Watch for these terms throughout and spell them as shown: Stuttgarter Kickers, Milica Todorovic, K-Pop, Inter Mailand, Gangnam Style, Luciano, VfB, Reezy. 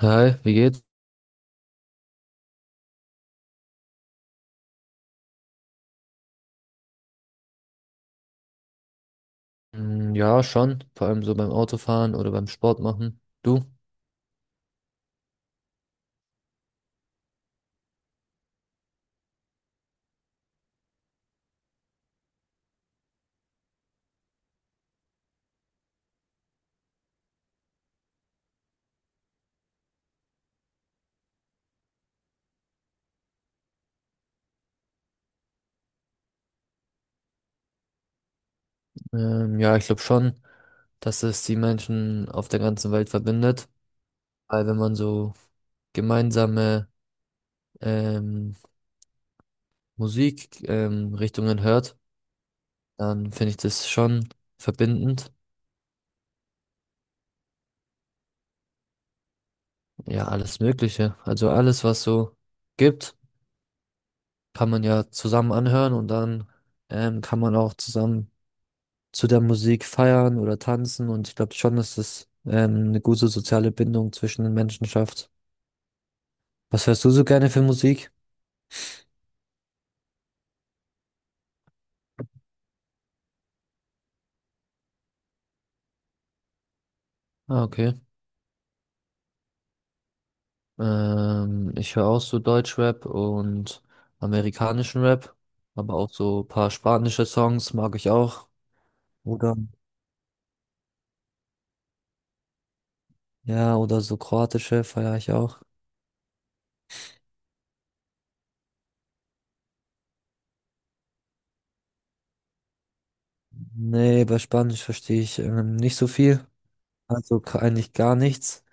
Hi, wie geht's? Mm, ja, schon. Vor allem so beim Autofahren oder beim Sport machen. Du? Ja, ich glaube schon, dass es die Menschen auf der ganzen Welt verbindet. Weil wenn man so gemeinsame ähm, Musik Richtungen hört, dann finde ich das schon verbindend. Ja, alles Mögliche. Also alles, was so gibt, kann man ja zusammen anhören und dann kann man auch zusammen zu der Musik feiern oder tanzen, und ich glaube schon, dass das eine gute soziale Bindung zwischen den Menschen schafft. Was hörst du so gerne für Musik? Ah, okay. Ich höre auch so Deutschrap und amerikanischen Rap, aber auch so ein paar spanische Songs mag ich auch. Oder ja, oder so kroatische feiere ich auch. Nee, bei Spanisch verstehe ich nicht so viel. Also eigentlich gar nichts.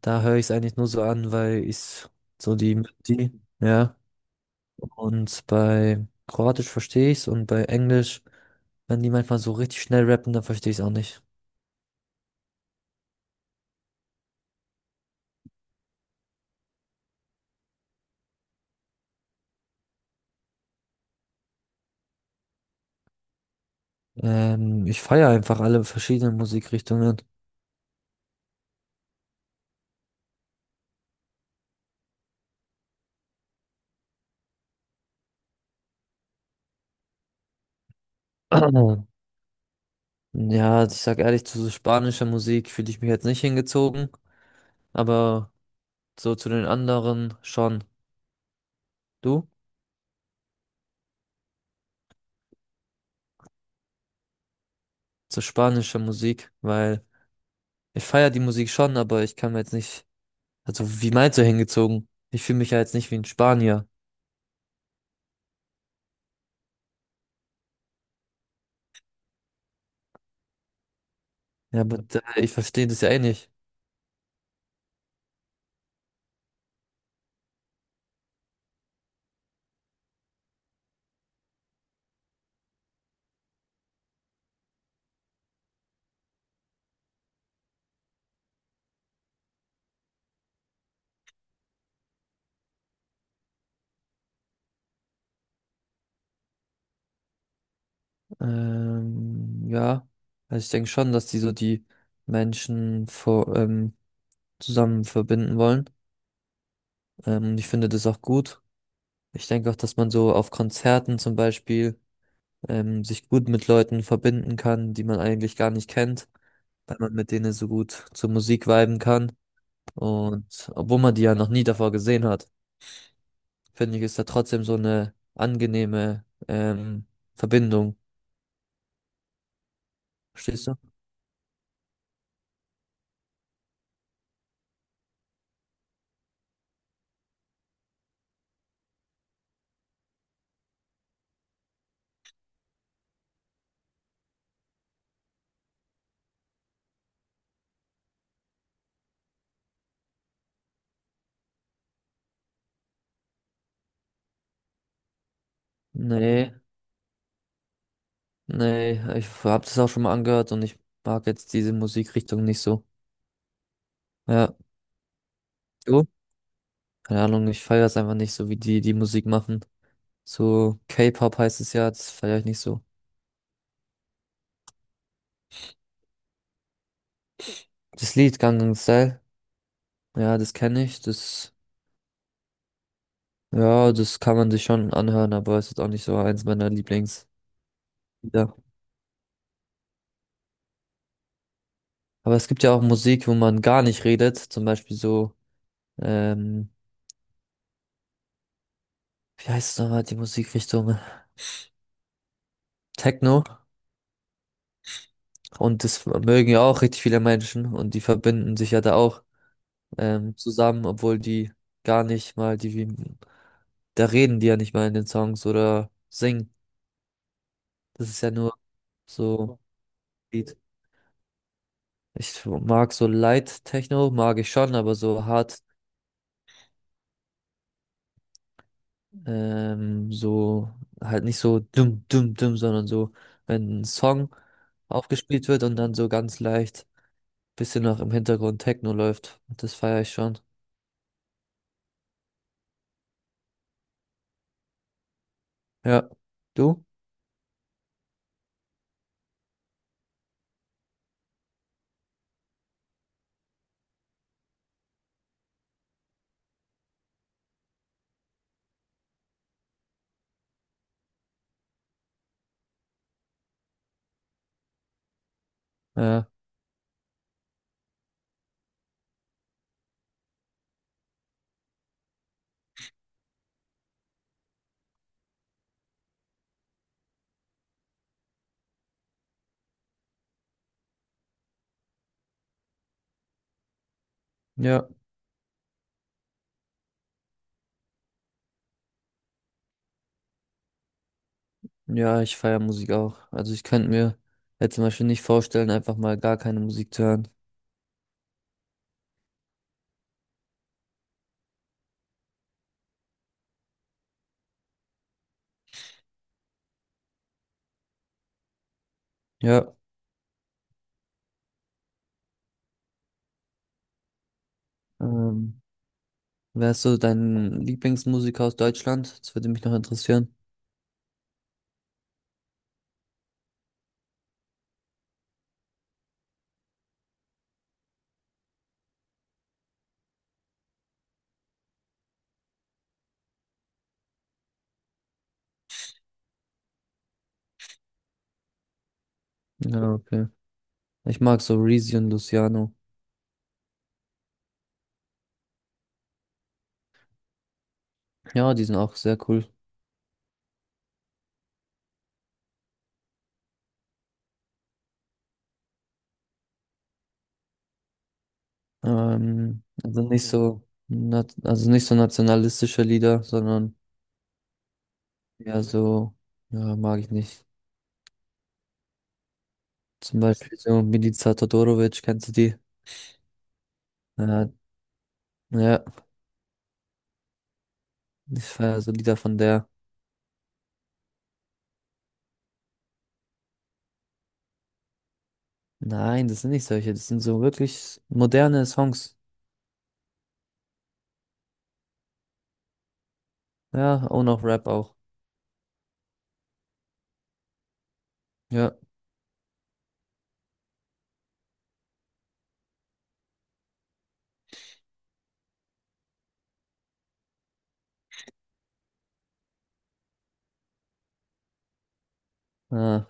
Da höre ich es eigentlich nur so an, weil ich so die Melodie, ja. Und bei Kroatisch verstehe ich's, und bei Englisch, wenn die manchmal so richtig schnell rappen, dann verstehe ich es auch nicht. Ich feiere einfach alle verschiedenen Musikrichtungen. Ja, also ich sag ehrlich, zu so spanischer Musik fühle ich mich jetzt nicht hingezogen, aber so zu den anderen schon. Du? Zu spanischer Musik, weil ich feiere die Musik schon, aber ich kann mir jetzt nicht, also wie meinst du hingezogen? Ich fühle mich ja jetzt nicht wie ein Spanier. Ja, aber ich verstehe das ja eh nicht. Ja, also ich denke schon, dass die so die Menschen zusammen verbinden wollen. Und ich finde das auch gut. Ich denke auch, dass man so auf Konzerten zum Beispiel sich gut mit Leuten verbinden kann, die man eigentlich gar nicht kennt, weil man mit denen so gut zur Musik viben kann. Und obwohl man die ja noch nie davor gesehen hat, finde ich, ist da trotzdem so eine angenehme Verbindung. Verstehst du? Nee. Nee, ich habe das auch schon mal angehört, und ich mag jetzt diese Musikrichtung nicht so. Ja, du? Keine Ahnung, ich feiere es einfach nicht so, wie die die Musik machen. So K-Pop heißt es ja, das feiere ich nicht so. Das Lied Gangnam Style, ja, das kenne ich, das, ja, das kann man sich schon anhören, aber es ist auch nicht so eins meiner Lieblings. Ja. Aber es gibt ja auch Musik, wo man gar nicht redet, zum Beispiel so, ähm, wie heißt es nochmal, die Musikrichtung? Techno. Und das mögen ja auch richtig viele Menschen, und die verbinden sich ja da auch. Zusammen, obwohl die gar nicht mal die, wie, da reden die ja nicht mal in den Songs oder singen. Das ist ja nur so Beat. Ich mag so Light Techno, mag ich schon, aber so hart, so halt nicht so dumm, dumm, dumm, sondern so, wenn ein Song aufgespielt wird und dann so ganz leicht bisschen noch im Hintergrund Techno läuft. Das feiere ich schon. Ja. Du? Ja. Ja. Ja, ich feiere Musik auch. Also ich könnte mir jetzt zum Beispiel nicht vorstellen, einfach mal gar keine Musik zu hören. Ja. Ähm, Wer ist so dein Lieblingsmusiker aus Deutschland? Das würde mich noch interessieren. Ja, okay. Ich mag so Reezy und Luciano. Ja, die sind auch sehr cool. Also nicht ja, so, nat also nicht so nationalistische Lieder, sondern ja so, ja, mag ich nicht. Zum Beispiel so Milica Todorovic, kennst du die? Ja, ja, ich feiere so Lieder von der. Nein, das sind nicht solche, das sind so wirklich moderne Songs. Ja, und auch Rap auch. Ja, ah,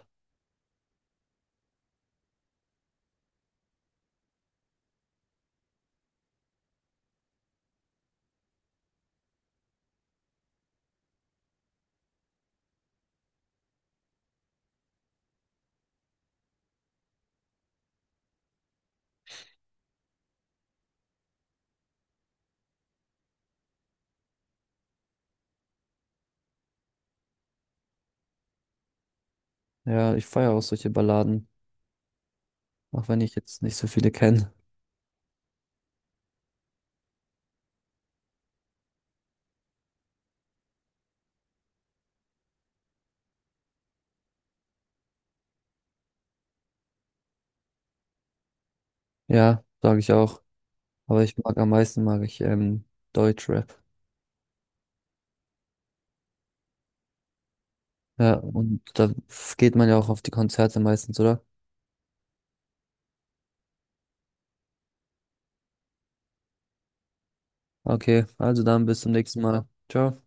ja, ich feiere auch solche Balladen, auch wenn ich jetzt nicht so viele kenne. Ja, sage ich auch. Aber ich mag am meisten, mag ich Deutschrap. Ja, und da geht man ja auch auf die Konzerte meistens, oder? Okay, also dann bis zum nächsten Mal. Ciao.